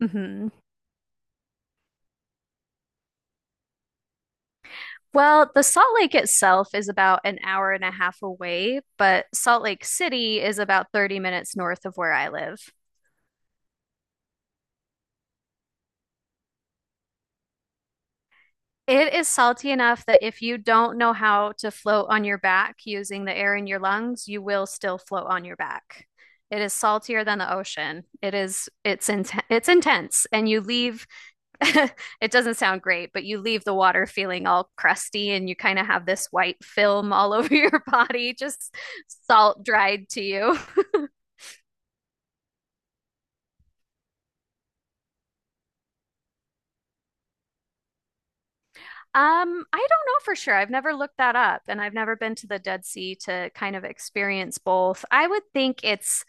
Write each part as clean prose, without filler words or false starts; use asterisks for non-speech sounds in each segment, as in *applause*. Hmm. Well, the Salt Lake itself is about an hour and a half away, but Salt Lake City is about 30 minutes north of where I live. It is salty enough that if you don't know how to float on your back using the air in your lungs, you will still float on your back. It is saltier than the ocean. It is it's in, it's intense and you leave *laughs* it doesn't sound great, but you leave the water feeling all crusty and you kind of have this white film all *laughs* over your body, just salt dried to you. I don't know for sure. I've never looked that up and I've never been to the Dead Sea to kind of experience both. I would think it's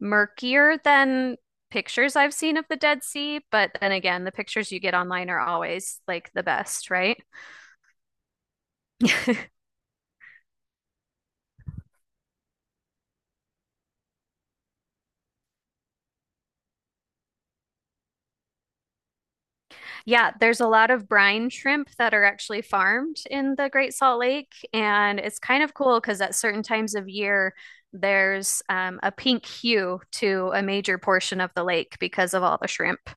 murkier than pictures I've seen of the Dead Sea, but then again, the pictures you get online are always like the best, right? *laughs* Yeah, there's a lot of brine shrimp that are actually farmed in the Great Salt Lake, and it's kind of cool because at certain times of year, there's a pink hue to a major portion of the lake because of all the shrimp.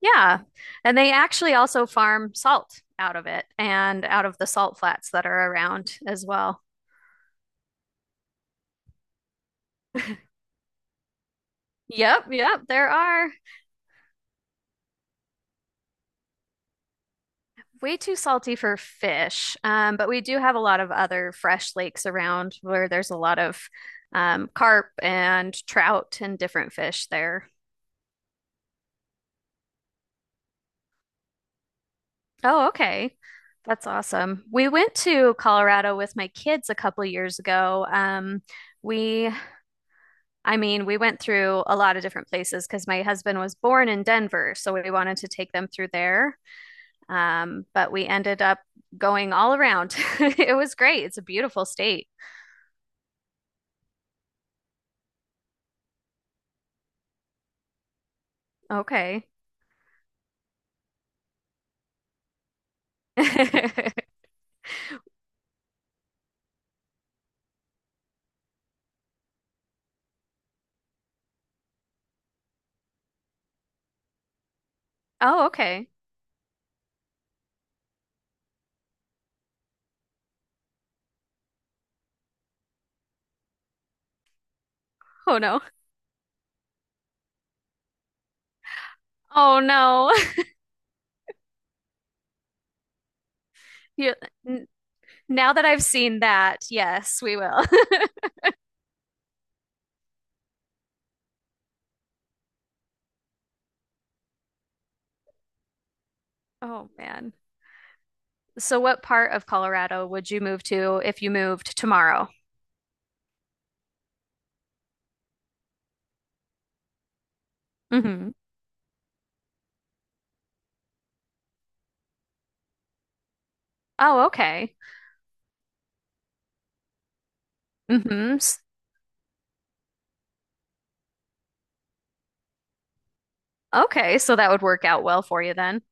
Yeah, and they actually also farm salt out of it and out of the salt flats that are around as well. Yep, yep, there are. Way too salty for fish, but we do have a lot of other fresh lakes around where there's a lot of carp and trout and different fish there. Oh, okay. That's awesome. We went to Colorado with my kids a couple of years ago. We, I mean, we went through a lot of different places because my husband was born in Denver, so we wanted to take them through there. But we ended up going all around. *laughs* It was great. It's a beautiful state. Okay. *laughs* Oh, okay. Oh no. Oh no. *laughs* You, n- Now that I've seen that, yes, we will. *laughs* Oh man. So what part of Colorado would you move to if you moved tomorrow? Mm-hmm. Oh, okay. Mm-hmm. Okay, so that would work out well for you then.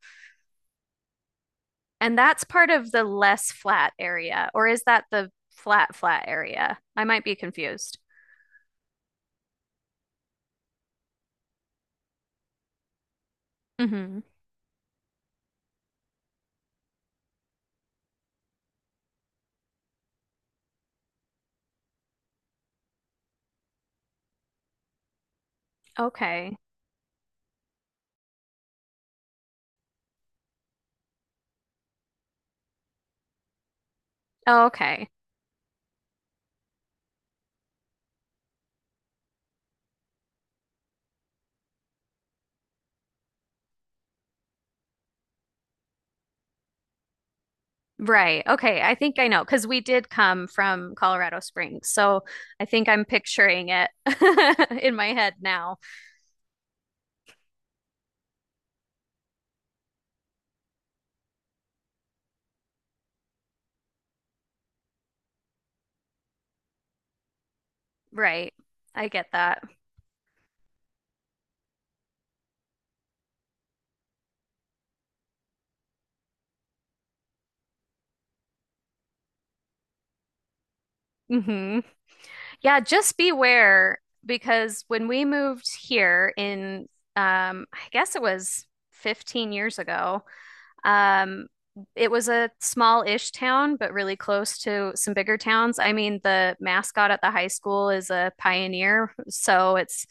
And that's part of the less flat area, or is that the flat area? I might be confused. Hmm. Okay. Oh, okay. Right. Okay. I think I know because we did come from Colorado Springs. So I think I'm picturing it *laughs* in my head now. Right. I get that. Hmm. Yeah, just beware because when we moved here, I guess it was 15 years ago. Um, it was a small-ish town, but really close to some bigger towns. I mean, the mascot at the high school is a pioneer, so it's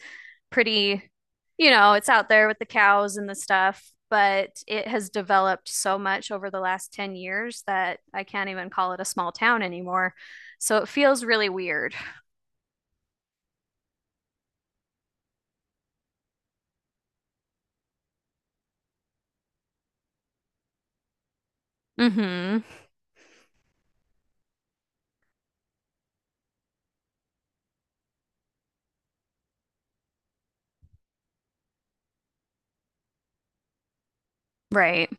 pretty, you know, it's out there with the cows and the stuff, but it has developed so much over the last 10 years that I can't even call it a small town anymore. So it feels really weird. Hmm. Right.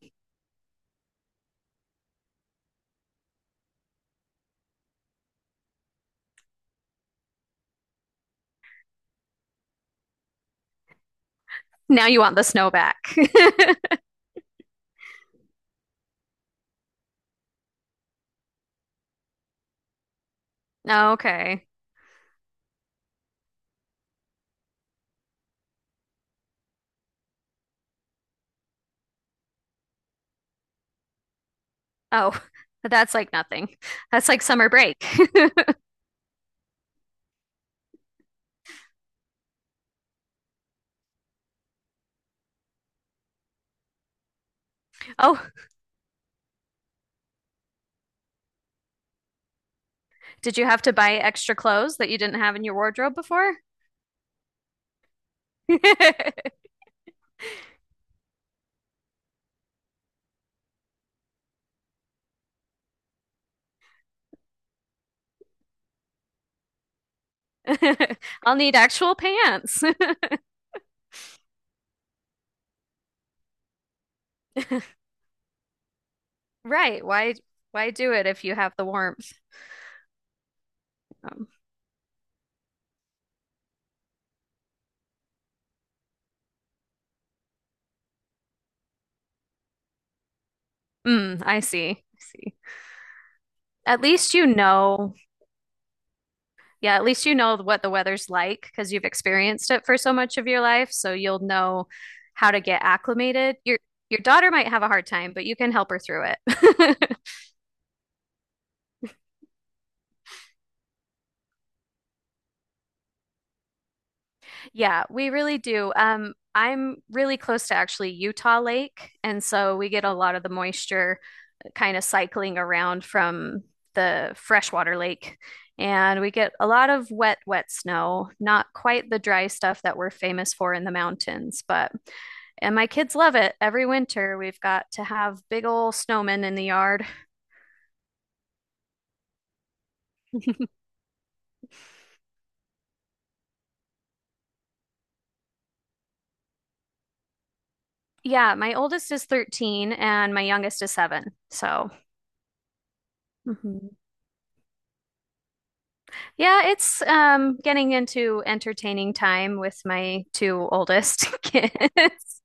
Now you want the snow back. *laughs* Okay. Oh, that's like nothing. That's like summer break. *laughs* Oh, did you have to buy extra clothes that you didn't have in your wardrobe before? *laughs* I'll need actual pants. *laughs* Right. Why do it if you have the warmth? Um, mm, I see. I see. At least you know. Yeah, at least you know what the weather's like because you've experienced it for so much of your life, so you'll know how to get acclimated. Your daughter might have a hard time, but you can help her through it. *laughs* Yeah, we really do. I'm really close to actually Utah Lake, and so we get a lot of the moisture kind of cycling around from the freshwater lake. And we get a lot of wet snow, not quite the dry stuff that we're famous for in the mountains, but and my kids love it. Every winter, we've got to have big old snowmen in the yard. *laughs* Yeah, my oldest is 13 and my youngest is seven. So, mhm. Yeah, it's getting into entertaining time with my two oldest *laughs* kids.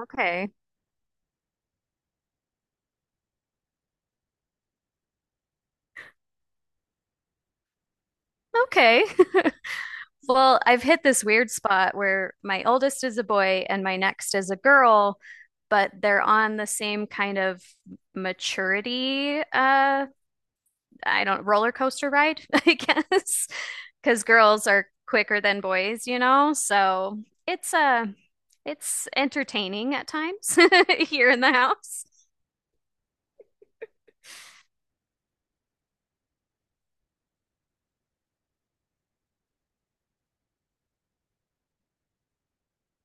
Okay. Okay. *laughs* Well, I've hit this weird spot where my oldest is a boy and my next is a girl, but they're on the same kind of maturity, I don't, roller coaster ride, *laughs* I guess, because girls are quicker than boys, you know? So it's uh it's entertaining at times *laughs* here in the house.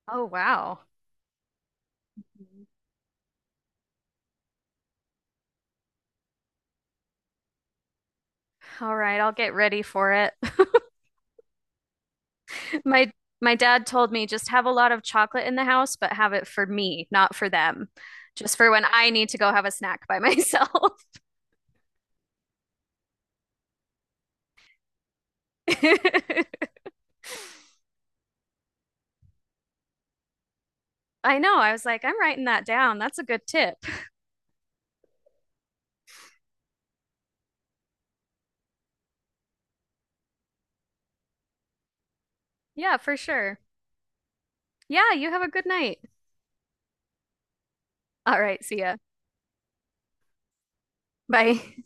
Oh wow. All right, I'll get ready for it. *laughs* My my dad told me just have a lot of chocolate in the house, but have it for me, not for them. Just for when I need to go have a snack by myself. *laughs* I know. I was like, I'm writing that down. That's a good tip. Yeah, for sure. Yeah, you have a good night. All right, see ya. Bye.